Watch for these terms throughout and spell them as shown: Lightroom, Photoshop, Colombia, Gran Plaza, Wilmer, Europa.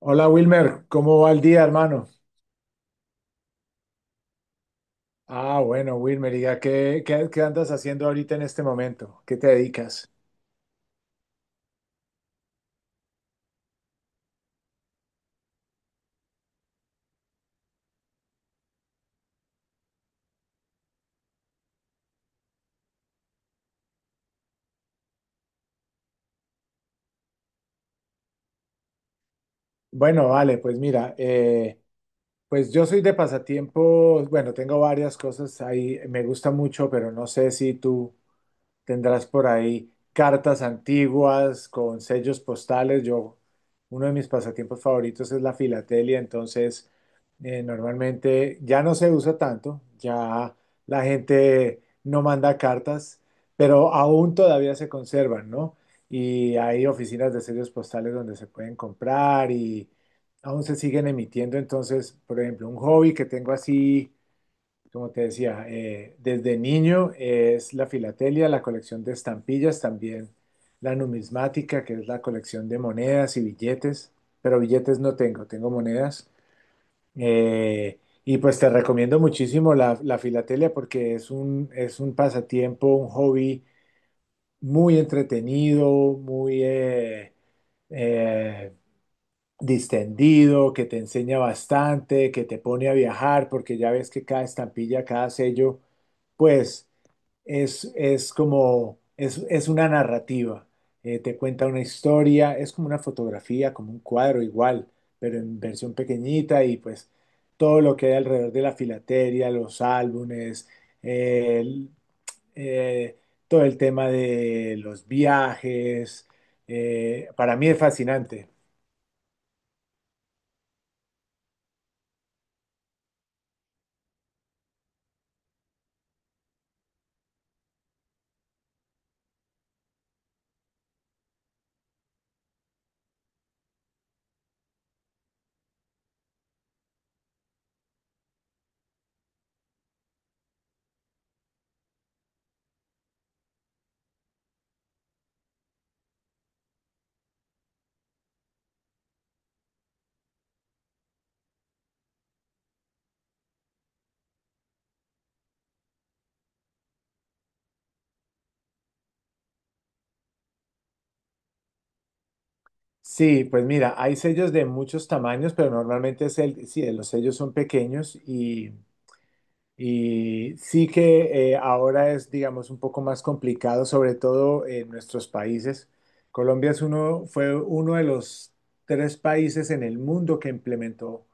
Hola Wilmer, ¿cómo va el día, hermano? Bueno, Wilmer, diga, ¿qué andas haciendo ahorita en este momento? ¿Qué te dedicas? Bueno, vale, pues mira, pues yo soy de pasatiempos, bueno, tengo varias cosas ahí, me gusta mucho, pero no sé si tú tendrás por ahí cartas antiguas con sellos postales. Yo, uno de mis pasatiempos favoritos es la filatelia, entonces normalmente ya no se usa tanto, ya la gente no manda cartas, pero aún todavía se conservan, ¿no? Y hay oficinas de sellos postales donde se pueden comprar y aún se siguen emitiendo. Entonces, por ejemplo, un hobby que tengo así como te decía, desde niño es la filatelia, la colección de estampillas, también la numismática, que es la colección de monedas y billetes, pero billetes no tengo, tengo monedas. Eh, y pues te recomiendo muchísimo la filatelia porque es un pasatiempo, un hobby muy entretenido, muy eh, distendido, que te enseña bastante, que te pone a viajar, porque ya ves que cada estampilla, cada sello, pues es una narrativa. Te cuenta una historia, es como una fotografía, como un cuadro igual, pero en versión pequeñita y pues todo lo que hay alrededor de la filatelia, los álbumes, eh, el- eh, todo el tema de los viajes, para mí es fascinante. Sí, pues mira, hay sellos de muchos tamaños, pero normalmente es el, sí, los sellos son pequeños. Y sí que ahora es, digamos, un poco más complicado, sobre todo en nuestros países. Colombia es uno, fue uno de los tres países en el mundo que implementó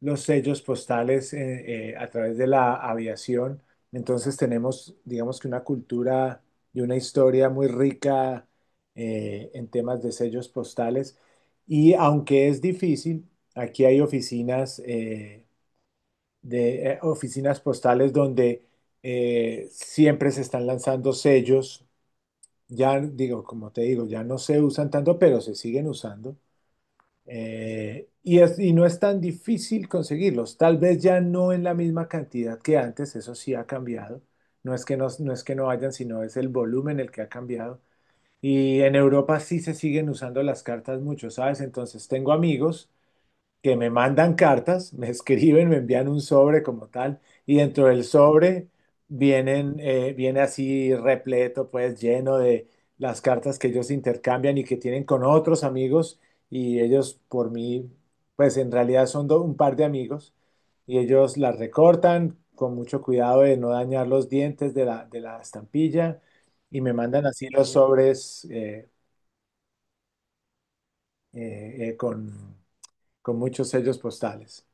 los sellos postales a través de la aviación. Entonces tenemos, digamos, que una cultura y una historia muy rica en temas de sellos postales. Y aunque es difícil, aquí hay oficinas postales donde siempre se están lanzando sellos. Ya digo, como te digo, ya no se usan tanto, pero se siguen usando. Y, y no es tan difícil conseguirlos. Tal vez ya no en la misma cantidad que antes, eso sí ha cambiado. No es que no, no es que no hayan, sino es el volumen el que ha cambiado. Y en Europa sí se siguen usando las cartas mucho, ¿sabes? Entonces tengo amigos que me mandan cartas, me escriben, me envían un sobre como tal, y dentro del sobre vienen, viene así repleto, pues lleno de las cartas que ellos intercambian y que tienen con otros amigos, y ellos por mí, pues en realidad son un par de amigos, y ellos las recortan con mucho cuidado de no dañar los dientes de la estampilla, y me mandan así los sobres eh, eh, con, con muchos sellos postales.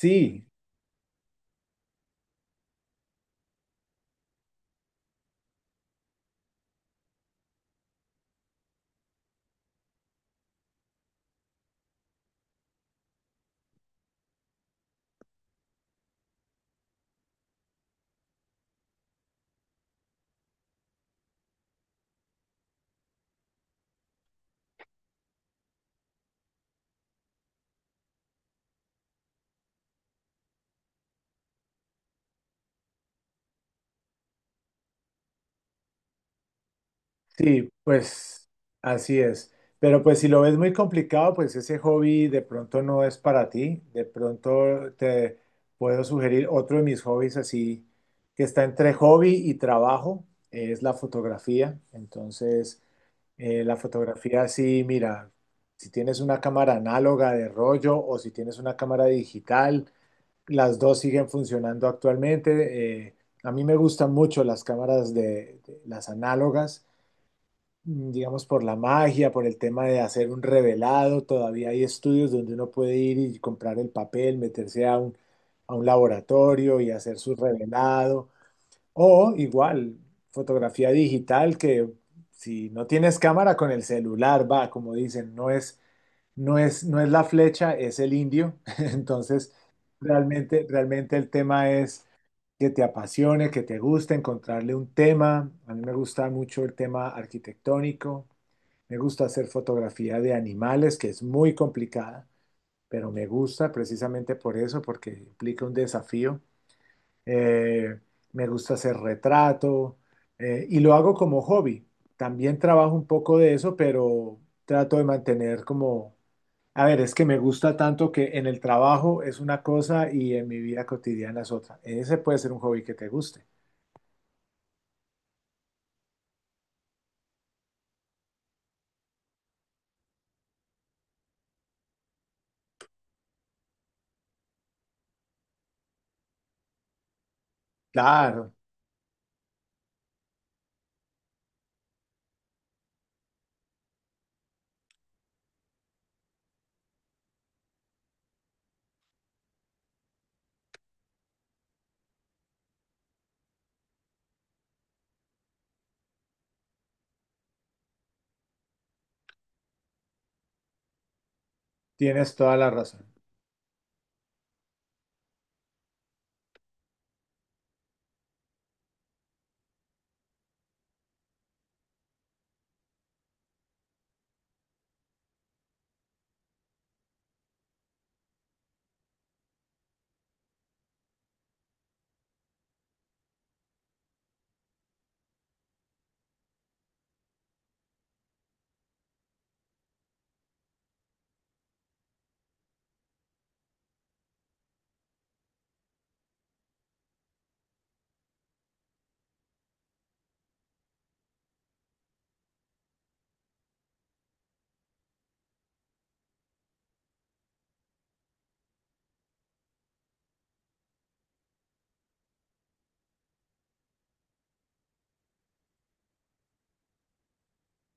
Sí, sí, pues así es. Pero pues si lo ves muy complicado, pues ese hobby de pronto no es para ti. De pronto te puedo sugerir otro de mis hobbies, así que está entre hobby y trabajo, es la fotografía. Entonces, la fotografía sí, mira, si tienes una cámara análoga de rollo o si tienes una cámara digital, las dos siguen funcionando actualmente. A mí me gustan mucho las cámaras las análogas, digamos, por la magia, por el tema de hacer un revelado. Todavía hay estudios donde uno puede ir y comprar el papel, meterse a un laboratorio y hacer su revelado. O igual, fotografía digital que si no tienes cámara, con el celular, va, como dicen, no es la flecha, es el indio. Entonces, realmente, realmente el tema es que te apasione, que te guste, encontrarle un tema. A mí me gusta mucho el tema arquitectónico, me gusta hacer fotografía de animales, que es muy complicada, pero me gusta precisamente por eso, porque implica un desafío. Eh, Me gusta hacer retrato, y lo hago como hobby. También trabajo un poco de eso, pero trato de mantener como, a ver, es que me gusta tanto que en el trabajo es una cosa y en mi vida cotidiana es otra. Ese puede ser un hobby que te guste. Claro, tienes toda la razón.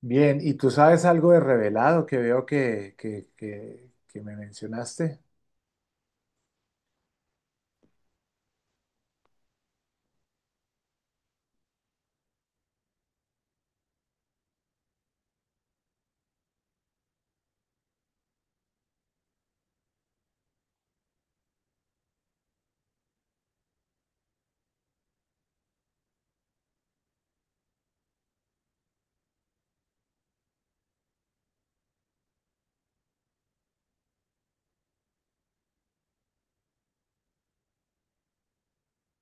Bien, ¿y tú sabes algo de revelado, que veo que, que me mencionaste?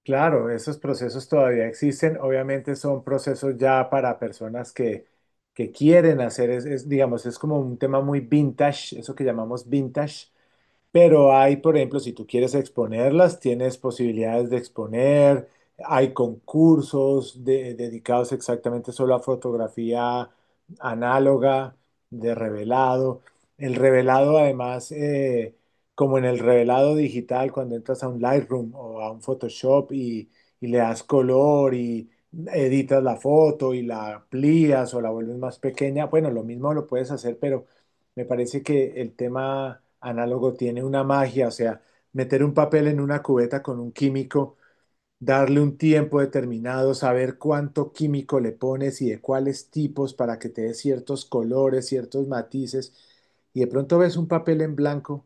Claro, esos procesos todavía existen. Obviamente son procesos ya para personas que quieren hacer, es, digamos, es como un tema muy vintage, eso que llamamos vintage. Pero hay, por ejemplo, si tú quieres exponerlas, tienes posibilidades de exponer, hay dedicados exactamente solo a fotografía análoga, de revelado. El revelado, además, como en el revelado digital, cuando entras a un Lightroom o a un Photoshop y le das color y editas la foto y la amplías o la vuelves más pequeña, bueno, lo mismo lo puedes hacer, pero me parece que el tema análogo tiene una magia. O sea, meter un papel en una cubeta con un químico, darle un tiempo determinado, saber cuánto químico le pones y de cuáles tipos para que te dé ciertos colores, ciertos matices, y de pronto ves un papel en blanco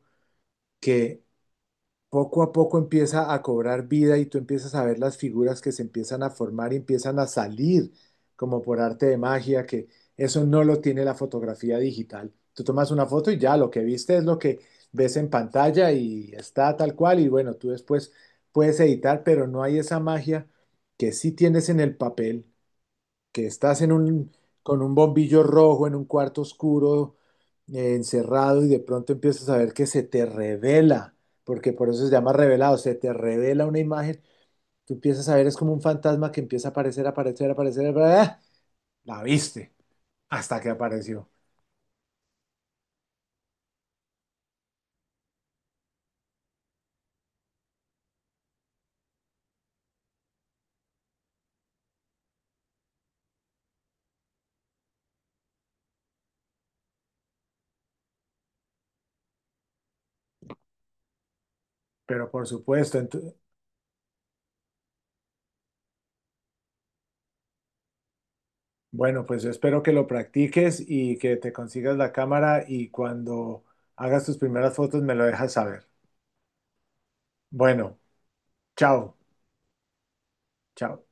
que poco a poco empieza a cobrar vida y tú empiezas a ver las figuras que se empiezan a formar y empiezan a salir como por arte de magia, que eso no lo tiene la fotografía digital. Tú tomas una foto y ya lo que viste es lo que ves en pantalla, y está tal cual, y bueno, tú después puedes editar, pero no hay esa magia que sí tienes en el papel, que estás en un, con un bombillo rojo en un cuarto oscuro, encerrado, y de pronto empiezas a ver que se te revela, porque por eso se llama revelado, se te revela una imagen, tú empiezas a ver, es como un fantasma que empieza a aparecer, aparecer, aparecer, ¡ah! La viste, hasta que apareció. Pero por supuesto, bueno, pues yo espero que lo practiques y que te consigas la cámara y cuando hagas tus primeras fotos me lo dejas saber. Bueno, chao, chao.